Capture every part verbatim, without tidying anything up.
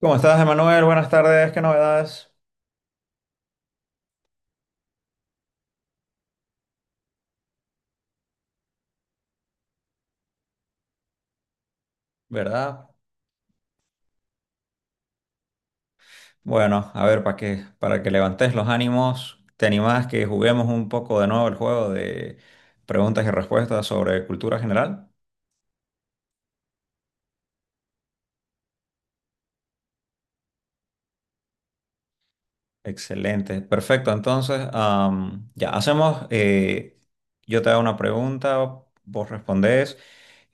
¿Cómo estás, Emanuel? Buenas tardes, qué novedades, ¿verdad? Bueno, a ver, para que, para que levantes los ánimos, ¿te animás que juguemos un poco de nuevo el juego de preguntas y respuestas sobre cultura general? Excelente, perfecto. Entonces, am, ya hacemos, eh, yo te hago una pregunta, vos respondés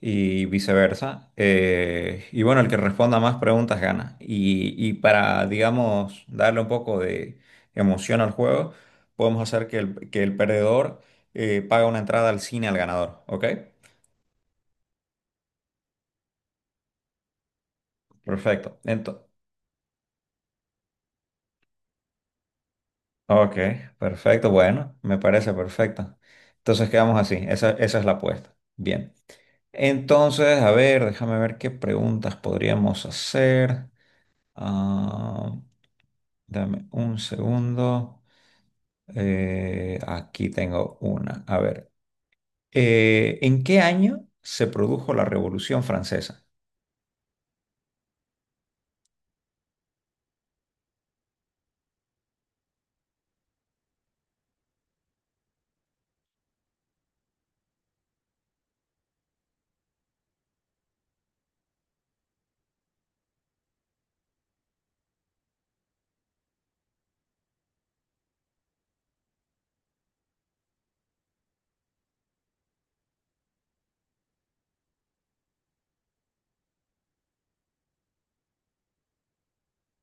y viceversa. Eh, y bueno, el que responda más preguntas gana. Y, y para, digamos, darle un poco de emoción al juego, podemos hacer que el, que el perdedor eh, pague una entrada al cine al ganador, ¿ok? Perfecto. Entonces, ok, perfecto, bueno, me parece perfecto. Entonces quedamos así, esa, esa es la apuesta. Bien. Entonces, a ver, déjame ver qué preguntas podríamos hacer. Ah, dame un segundo. Eh, aquí tengo una. A ver, eh, ¿en qué año se produjo la Revolución Francesa?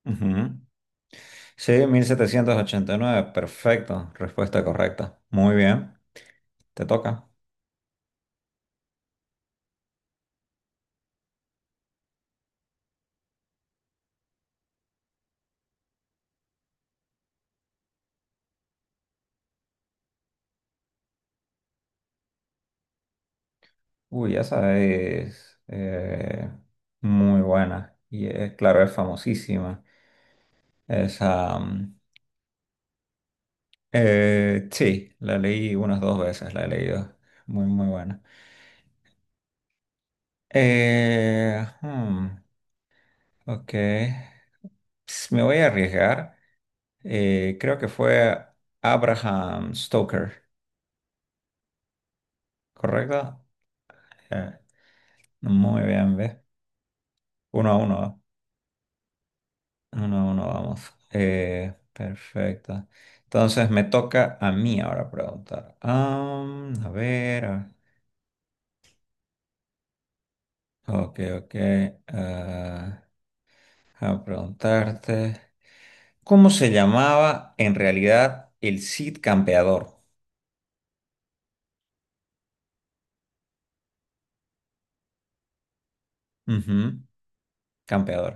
Ujú. Sí, mil setecientos ochenta y nueve. Perfecto. Respuesta correcta. Muy bien. Te toca. Uy, esa es eh, muy buena. Y es, claro, es famosísima. Esa. mm, Eh, sí, la leí unas dos veces, la he leído. Muy, muy buena. Eh, hmm, ok. Ps, Me voy a arriesgar. Eh, creo que fue Abraham Stoker, ¿correcto? Eh, muy bien, ve. Uno a uno, ¿eh? Uno a uno vamos. Eh, perfecto. Entonces me toca a mí ahora preguntar. Am, a ver, a- ok, ok. ah, a preguntarte. ¿Cómo se llamaba en realidad el Cid Campeador? Ujú, Campeador.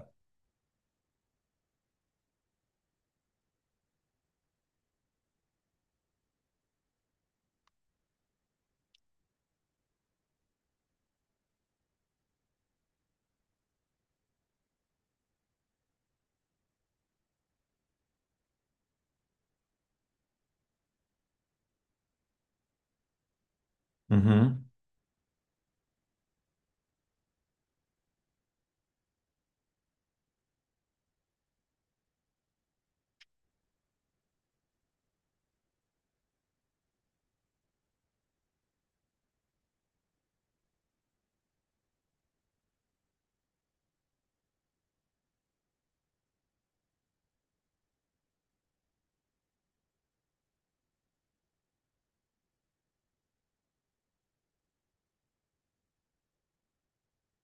Ujú,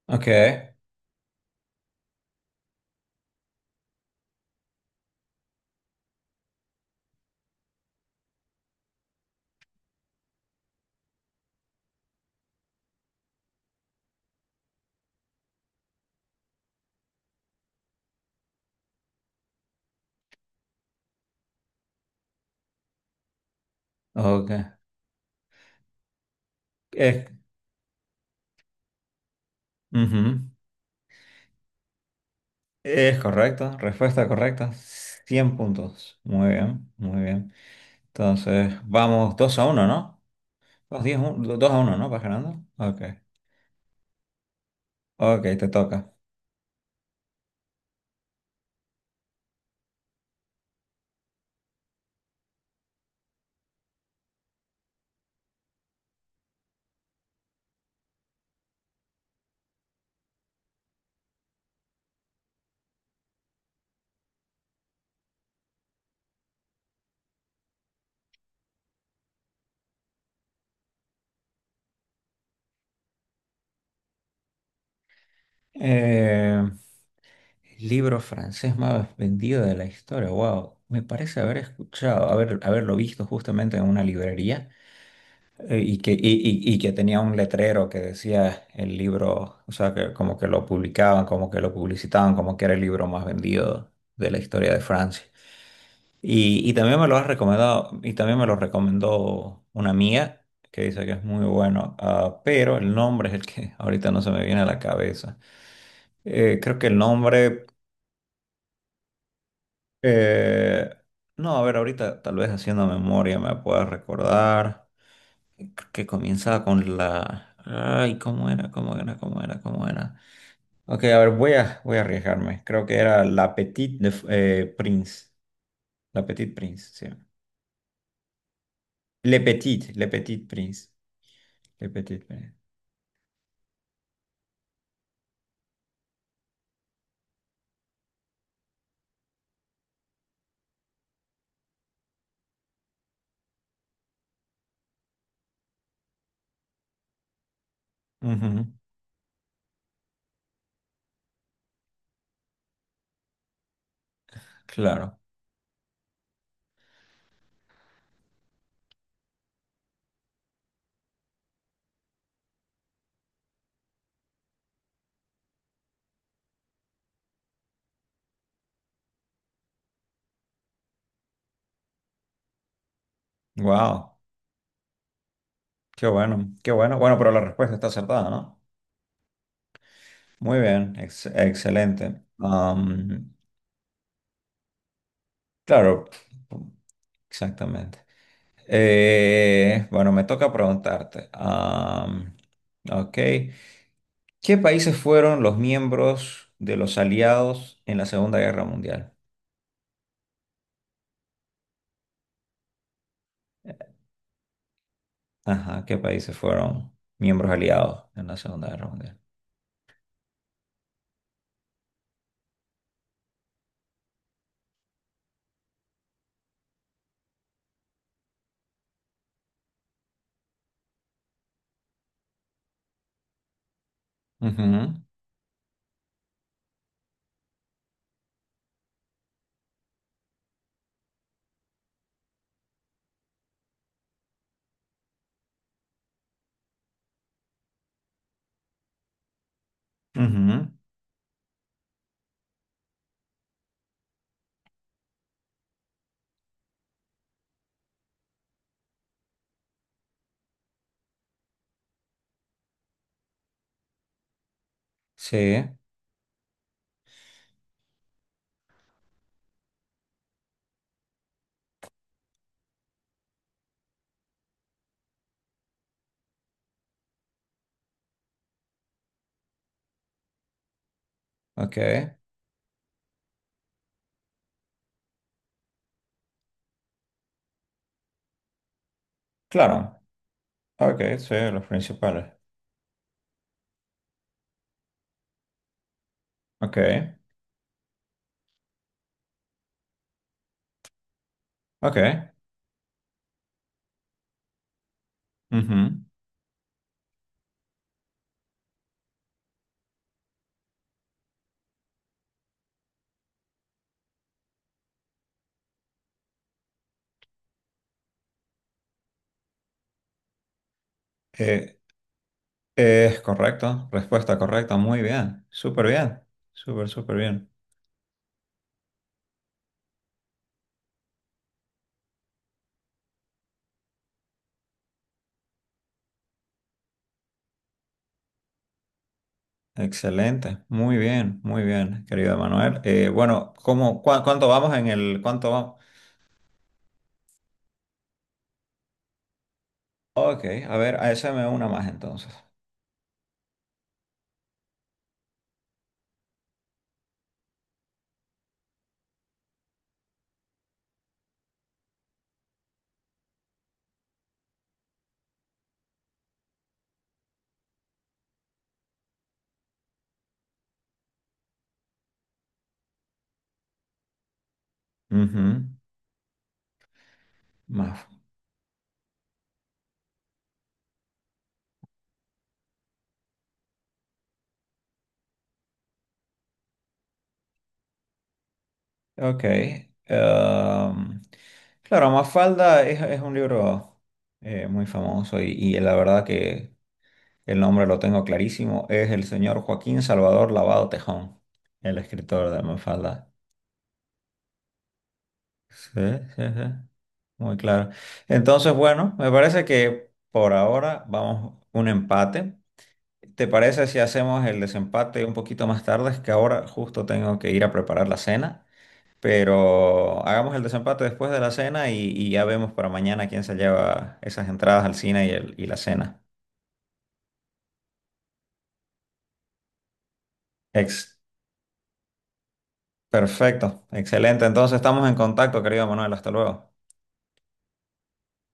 ok, ok. Es, ujú, es correcto, respuesta correcta. Cien puntos. Muy bien, muy bien. Entonces, vamos dos a uno, ¿no? Dos diez un- dos a uno, ¿no? ¿Vas ganando? Ok, ok, te toca. Eh, libro francés más vendido de la historia. Wow, me parece haber escuchado, haber, haberlo visto justamente en una librería. Eh, Y que, y, y- y que tenía un letrero que decía el libro, o sea, que como que lo publicaban, como que lo publicitaban, como que era el libro más vendido de la historia de Francia. Y, y también me lo has recomendado, y también me lo recomendó una amiga que dice que es muy bueno, ah, pero el nombre es el que ahorita no se me viene a la cabeza. Eh, creo que el nombre, eh, no, a ver, ahorita tal vez haciendo memoria me pueda recordar. Que comienza con la. Ay, ¿cómo era? ¿Cómo era? ¿Cómo era? ¿Cómo era? Ok, a ver, voy a, voy a arriesgarme. Creo que era La Petite de, eh, Prince. La Petite Prince, sí. Le Petit, Le Petit Prince. Le Petit Prince. Ujú, claro. Wow. Qué bueno, qué bueno. Bueno, pero la respuesta está acertada, ¿no? Muy bien, ex- excelente. Am, Claro, exactamente. Eh, bueno, me toca preguntarte. am, ok. ¿Qué países fueron los miembros de los aliados en la Segunda Guerra Mundial? Ajá, ¿qué países fueron miembros aliados en la Segunda Guerra Mundial? Ujú, ujú, sí, ok. Claro, ok, sí, los principales. Ok, ok. Ujú. Eh, Es correcto, respuesta correcta, muy bien, súper bien, súper, súper bien. Excelente, muy bien, muy bien, querido Manuel. Eh, bueno, ¿cómo, cua- cuánto vamos en el, cuánto vamos? Ok, a ver, a esa me una más entonces. Ujú, más. Ok. em, claro, Mafalda es, es un libro eh, muy famoso y, y la verdad que el nombre lo tengo clarísimo. Es el señor Joaquín Salvador Lavado Tejón, el escritor de Mafalda. Sí, sí, sí, muy claro. Entonces, bueno, me parece que por ahora vamos un empate. ¿Te parece si hacemos el desempate un poquito más tarde? Es que ahora justo tengo que ir a preparar la cena, pero hagamos el desempate después de la cena y, y ya vemos para mañana quién se lleva esas entradas al cine y, el- y la cena. Ex, perfecto, excelente. Entonces estamos en contacto, querido Manuel. Hasta luego.